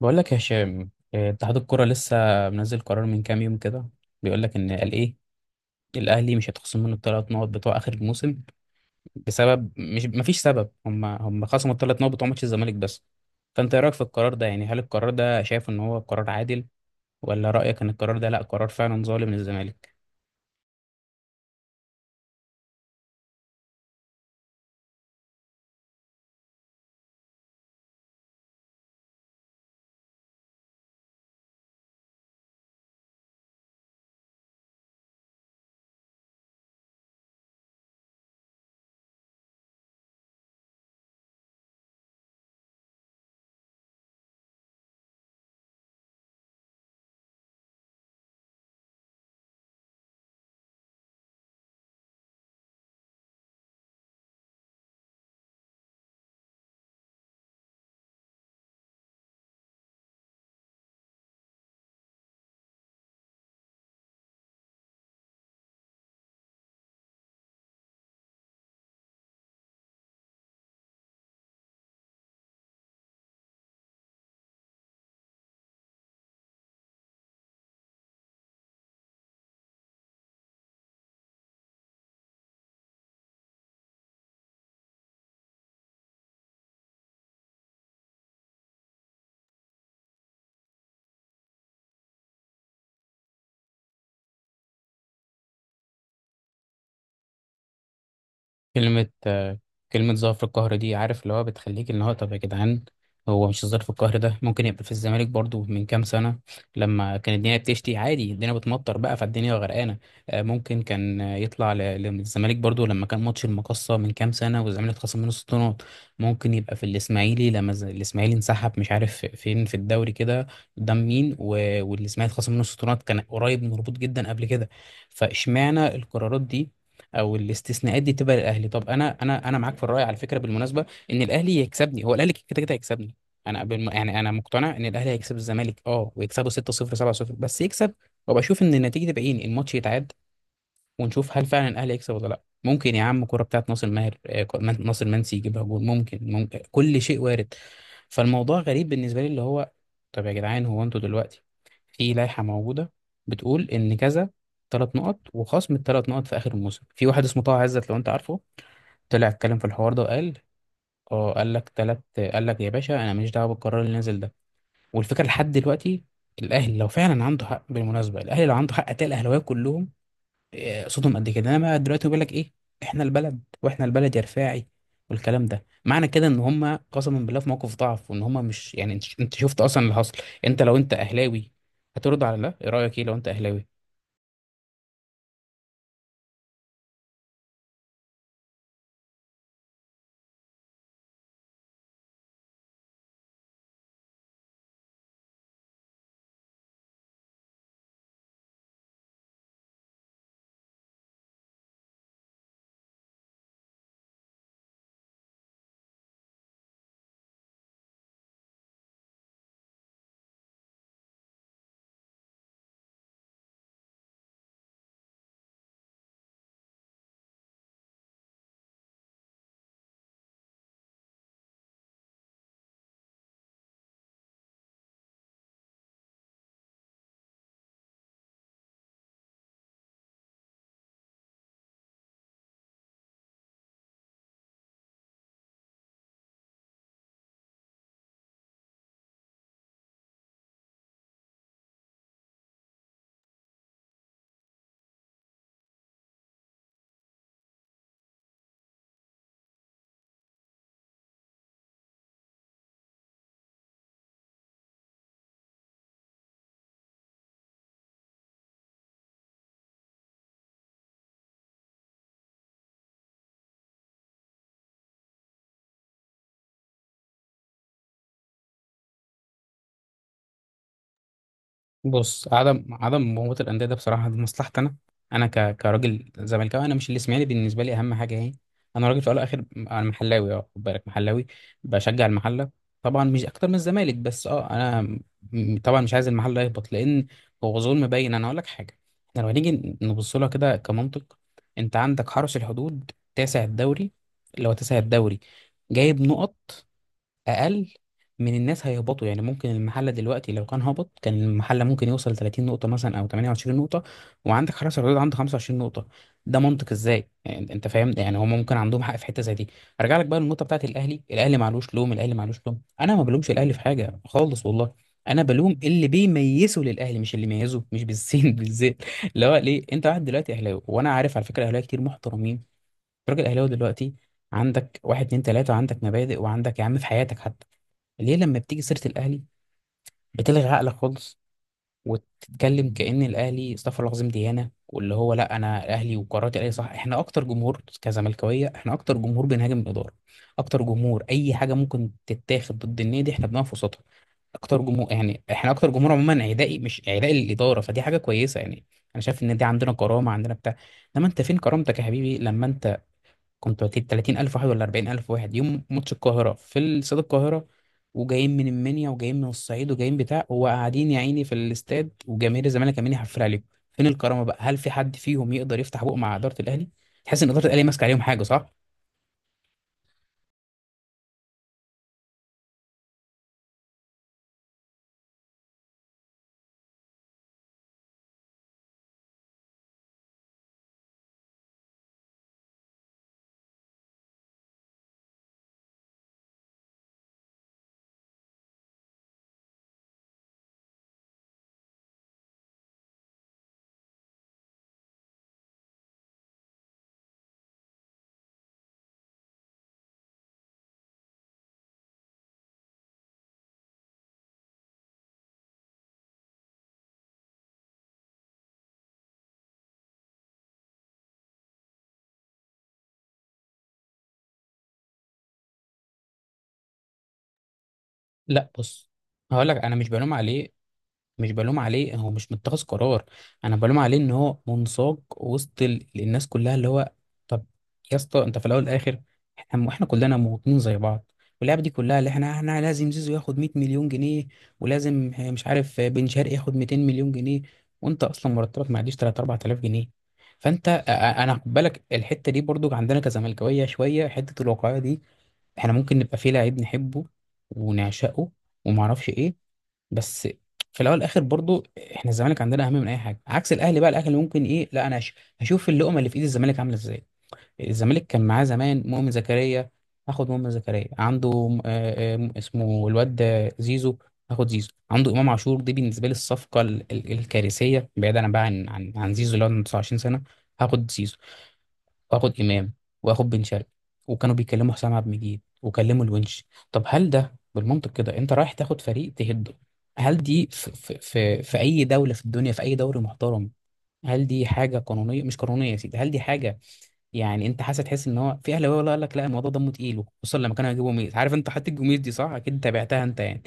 بقول لك يا هشام، اتحاد الكرة لسه منزل قرار من كام يوم كده. بيقول لك ان قال ايه، الاهلي مش هيتخصم منه الثلاث نقط بتوع اخر الموسم بسبب، مش مفيش سبب، هم خصموا الثلاث نقط بتوع ماتش الزمالك بس. فانت ايه رايك في القرار ده؟ يعني هل القرار ده، شايف ان هو قرار عادل، ولا رايك ان القرار ده لا قرار فعلا ظالم للزمالك؟ كلمة كلمة ظرف القهر دي، عارف اللي هو بتخليك، اللي هو طب يا جدعان، هو مش ظرف القهر ده ممكن يبقى في الزمالك برضو من كام سنة لما كان الدنيا بتشتي عادي، الدنيا بتمطر بقى فالدنيا غرقانة. ممكن كان، للزمالك برضو لما كان ماتش المقصة من كام سنة والزمالك اتخصم منه ست نقط. ممكن يبقى في الإسماعيلي لما الإسماعيلي انسحب مش عارف فين في الدوري كده قدام مين، والإسماعيلي اتخصم منه ست نقط كان قريب من الهبوط جدا قبل كده. فاشمعنى القرارات دي او الاستثناءات دي تبقى للاهلي؟ طب انا، انا معاك في الراي على فكره بالمناسبه، ان الاهلي يكسبني، هو الاهلي كده كده هيكسبني. يعني انا مقتنع ان الاهلي هيكسب الزمالك، اه ويكسبه 6-0 7-0 بس يكسب، وابقى اشوف ان النتيجه تبقى ايه، الماتش يتعاد ونشوف هل فعلا الاهلي يكسب ولا لا، ممكن يا عم كرة بتاعت ناصر ماهر، ناصر منسي يجيبها جول، ممكن كل شيء وارد. فالموضوع غريب بالنسبة لي، اللي هو طب يا جدعان هو انتوا دلوقتي في لائحة موجودة بتقول ان كذا، ثلاث نقط وخصم الثلاث نقط في اخر الموسم، في واحد اسمه طه عزت لو انت عارفه طلع اتكلم في الحوار ده وقال، اه قال لك ثلاث، قال لك يا باشا انا ماليش دعوه بالقرار اللي نازل ده. والفكره لحد دلوقتي، الاهلي لو فعلا عنده حق بالمناسبه، الاهلي لو عنده حق هتلاقي الاهلاويه كلهم صوتهم قد كده، انما دلوقتي بيقول لك ايه، احنا البلد واحنا البلد يا رفاعي، والكلام ده معنى كده ان هم قسما بالله في موقف ضعف وان هم مش يعني، انت شفت اصلا اللي حصل. انت لو انت اهلاوي هترد على ده ايه؟ رايك ايه لو انت اهلاوي؟ بص، عدم مهومه الانديه ده بصراحه دي مصلحتي انا، انا كراجل زملكاوي، انا مش الاسماعيلي بالنسبه لي اهم حاجه اهي، انا راجل في الاول والاخر، انا محلاوي، اه خد بالك محلاوي، بشجع المحله، طبعا مش اكتر من الزمالك بس اه، انا طبعا مش عايز المحله يهبط، لان هو ظلم باين. انا اقول لك حاجه، احنا لو هنيجي نبص لها كده كمنطق، انت عندك حرس الحدود تاسع الدوري، اللي هو تاسع الدوري، جايب نقط اقل من الناس هيهبطوا، يعني ممكن المحل دلوقتي لو كان هبط كان المحل ممكن يوصل 30 نقطة مثلا او 28 نقطة، وعندك حرس الحدود عنده 25 نقطة، ده منطق ازاي يعني؟ انت فاهم يعني هم ممكن عندهم حق في حتة زي دي. ارجع لك بقى للنقطة بتاعت الاهلي، الاهلي معلوش لوم، الاهلي معلوش لوم، انا ما بلومش الاهلي في حاجة خالص والله، انا بلوم اللي بيميزه للاهلي، مش اللي بيميزه مش بالسين بالزين، اللي هو ليه انت واحد دلوقتي اهلاوي، وانا عارف على فكرة اهلاوي كتير محترمين، راجل اهلاوي دلوقتي عندك واحد اتنين تلاتة، عندك مبادئ وعندك يا عم في حياتك حتى، ليه لما بتيجي سيرة الأهلي بتلغي عقلك خالص، وتتكلم كأن الأهلي استغفر الله العظيم ديانة، واللي هو لا أنا الأهلي وقراراتي الأهلي صح. إحنا أكتر جمهور كزملكاوية، إحنا أكتر جمهور بنهاجم الإدارة، أكتر جمهور أي حاجة ممكن تتاخد ضد النادي إحنا بنقف وسطها، أكتر جمهور يعني، إحنا أكتر جمهور عموما عدائي، مش عدائي للإدارة فدي حاجة كويسة يعني، أنا شايف إن دي عندنا كرامة، عندنا بتاع. إنما أنت فين كرامتك يا حبيبي لما أنت كنت 30 ألف واحد ولا 40 ألف واحد يوم ماتش القاهرة في استاد القاهرة، وجايين من المنيا وجايين من الصعيد وجايين بتاع، وقاعدين يا عيني في الاستاد وجماهير الزمالك عمالين يحفل عليهم، فين الكرامة بقى؟ هل في حد فيهم يقدر يفتح بقه مع إدارة الأهلي؟ تحس إن إدارة الأهلي ماسكة عليهم حاجة، صح. لا بص، هقول لك انا مش بلوم عليه، مش بلوم عليه، هو مش متخذ قرار، انا بلوم عليه ان هو منساق وسط الناس كلها، اللي هو طب يا اسطى انت في الاول والاخر، احنا كلنا مواطنين زي بعض، واللعبه دي كلها اللي احنا لازم زيزو ياخد 100 مليون جنيه، ولازم مش عارف بن شرقي ياخد 200 مليون جنيه، وانت اصلا مرتبك ما يعديش 3 4000 جنيه، فانت أ- أ- انا خد بالك الحته دي برضو عندنا كزملكاويه شويه، حته الواقعيه دي، احنا ممكن نبقى في لعيب نحبه ونعشقه وما اعرفش ايه، بس في الاول والاخر برضو احنا الزمالك عندنا اهم من اي حاجه عكس الاهلي بقى، الاهلي ممكن ايه، لا انا هشوف اللقمه اللي في ايد الزمالك عامله ازاي. الزمالك كان معاه زمان مؤمن زكريا، هاخد مؤمن زكريا عنده، اسمه الواد زيزو، هاخد زيزو عنده امام عاشور، دي بالنسبه لي الصفقه الكارثيه بعيدا بقى عن زيزو اللي هو عنده 29 سنه، هاخد زيزو واخد امام واخد بن شرقي، وكانوا بيكلموا حسام عبد المجيد وكلموا الونش. طب هل ده بالمنطق كده انت رايح تاخد فريق تهده؟ هل دي في اي دوله في الدنيا في اي دوري محترم؟ هل دي حاجه قانونيه مش قانونيه يا سيدي؟ هل دي حاجه يعني انت حاسس، تحس ان هو في اهلاويه ولا، قال لك لا الموضوع دمه تقيل، خصوصا لما كانوا هيجيبوا ميز، عارف انت حاطط الجوميز دي صح اكيد تابعتها انت يعني؟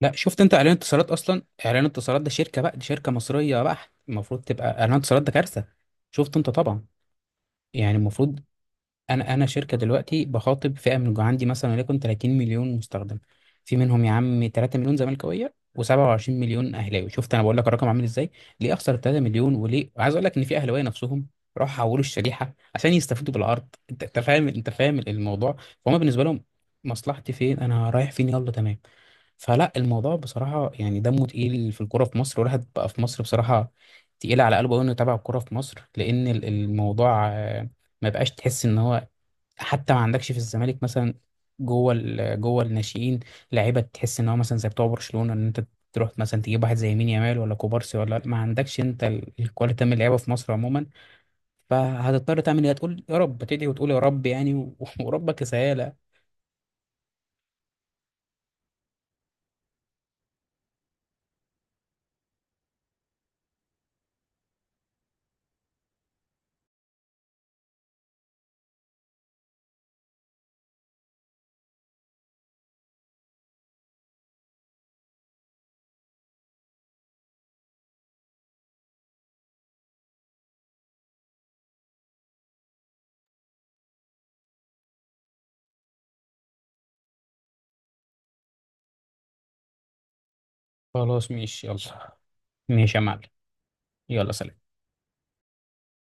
لا شفت انت اعلان اتصالات، اصلا اعلان اتصالات ده شركه بقى، دي شركه مصريه بقى، المفروض تبقى اعلان اتصالات ده كارثه. شفت انت طبعا يعني المفروض، انا شركه دلوقتي بخاطب فئه من عندي مثلا وليكن 30 مليون مستخدم، في منهم يا عم 3 مليون زملكاويه و27 مليون اهلاوي، شفت انا بقول لك الرقم عامل ازاي؟ ليه اخسر 3 مليون؟ وليه عايز اقول لك ان في اهلاويه نفسهم راحوا حولوا الشريحه عشان يستفيدوا بالعرض، أنت فاهم انت فاهم الموضوع، فهم بالنسبه لهم مصلحتي فين؟ انا رايح فين؟ يلا تمام. فلا الموضوع بصراحة يعني دمه تقيل في الكورة في مصر، والواحد بقى في مصر بصراحة تقيل على قلبه أوي إنه يتابع الكورة في مصر لأن الموضوع ما بقاش تحس إن هو، حتى ما عندكش في الزمالك مثلا جوه جوه الناشئين لعيبه، تحس ان هو مثلا زي بتوع برشلونه، ان انت تروح مثلا تجيب واحد زي مين يامال ولا كوبارسي، ولا ما عندكش انت الكواليتي من اللعيبه في مصر عموما، فهتضطر تعمل ايه؟ هتقول يا رب، تدعي وتقول يا رب يعني، وربك رسالة. خلاص ماشي يلا، ماشي يا معلم، يلا سلام.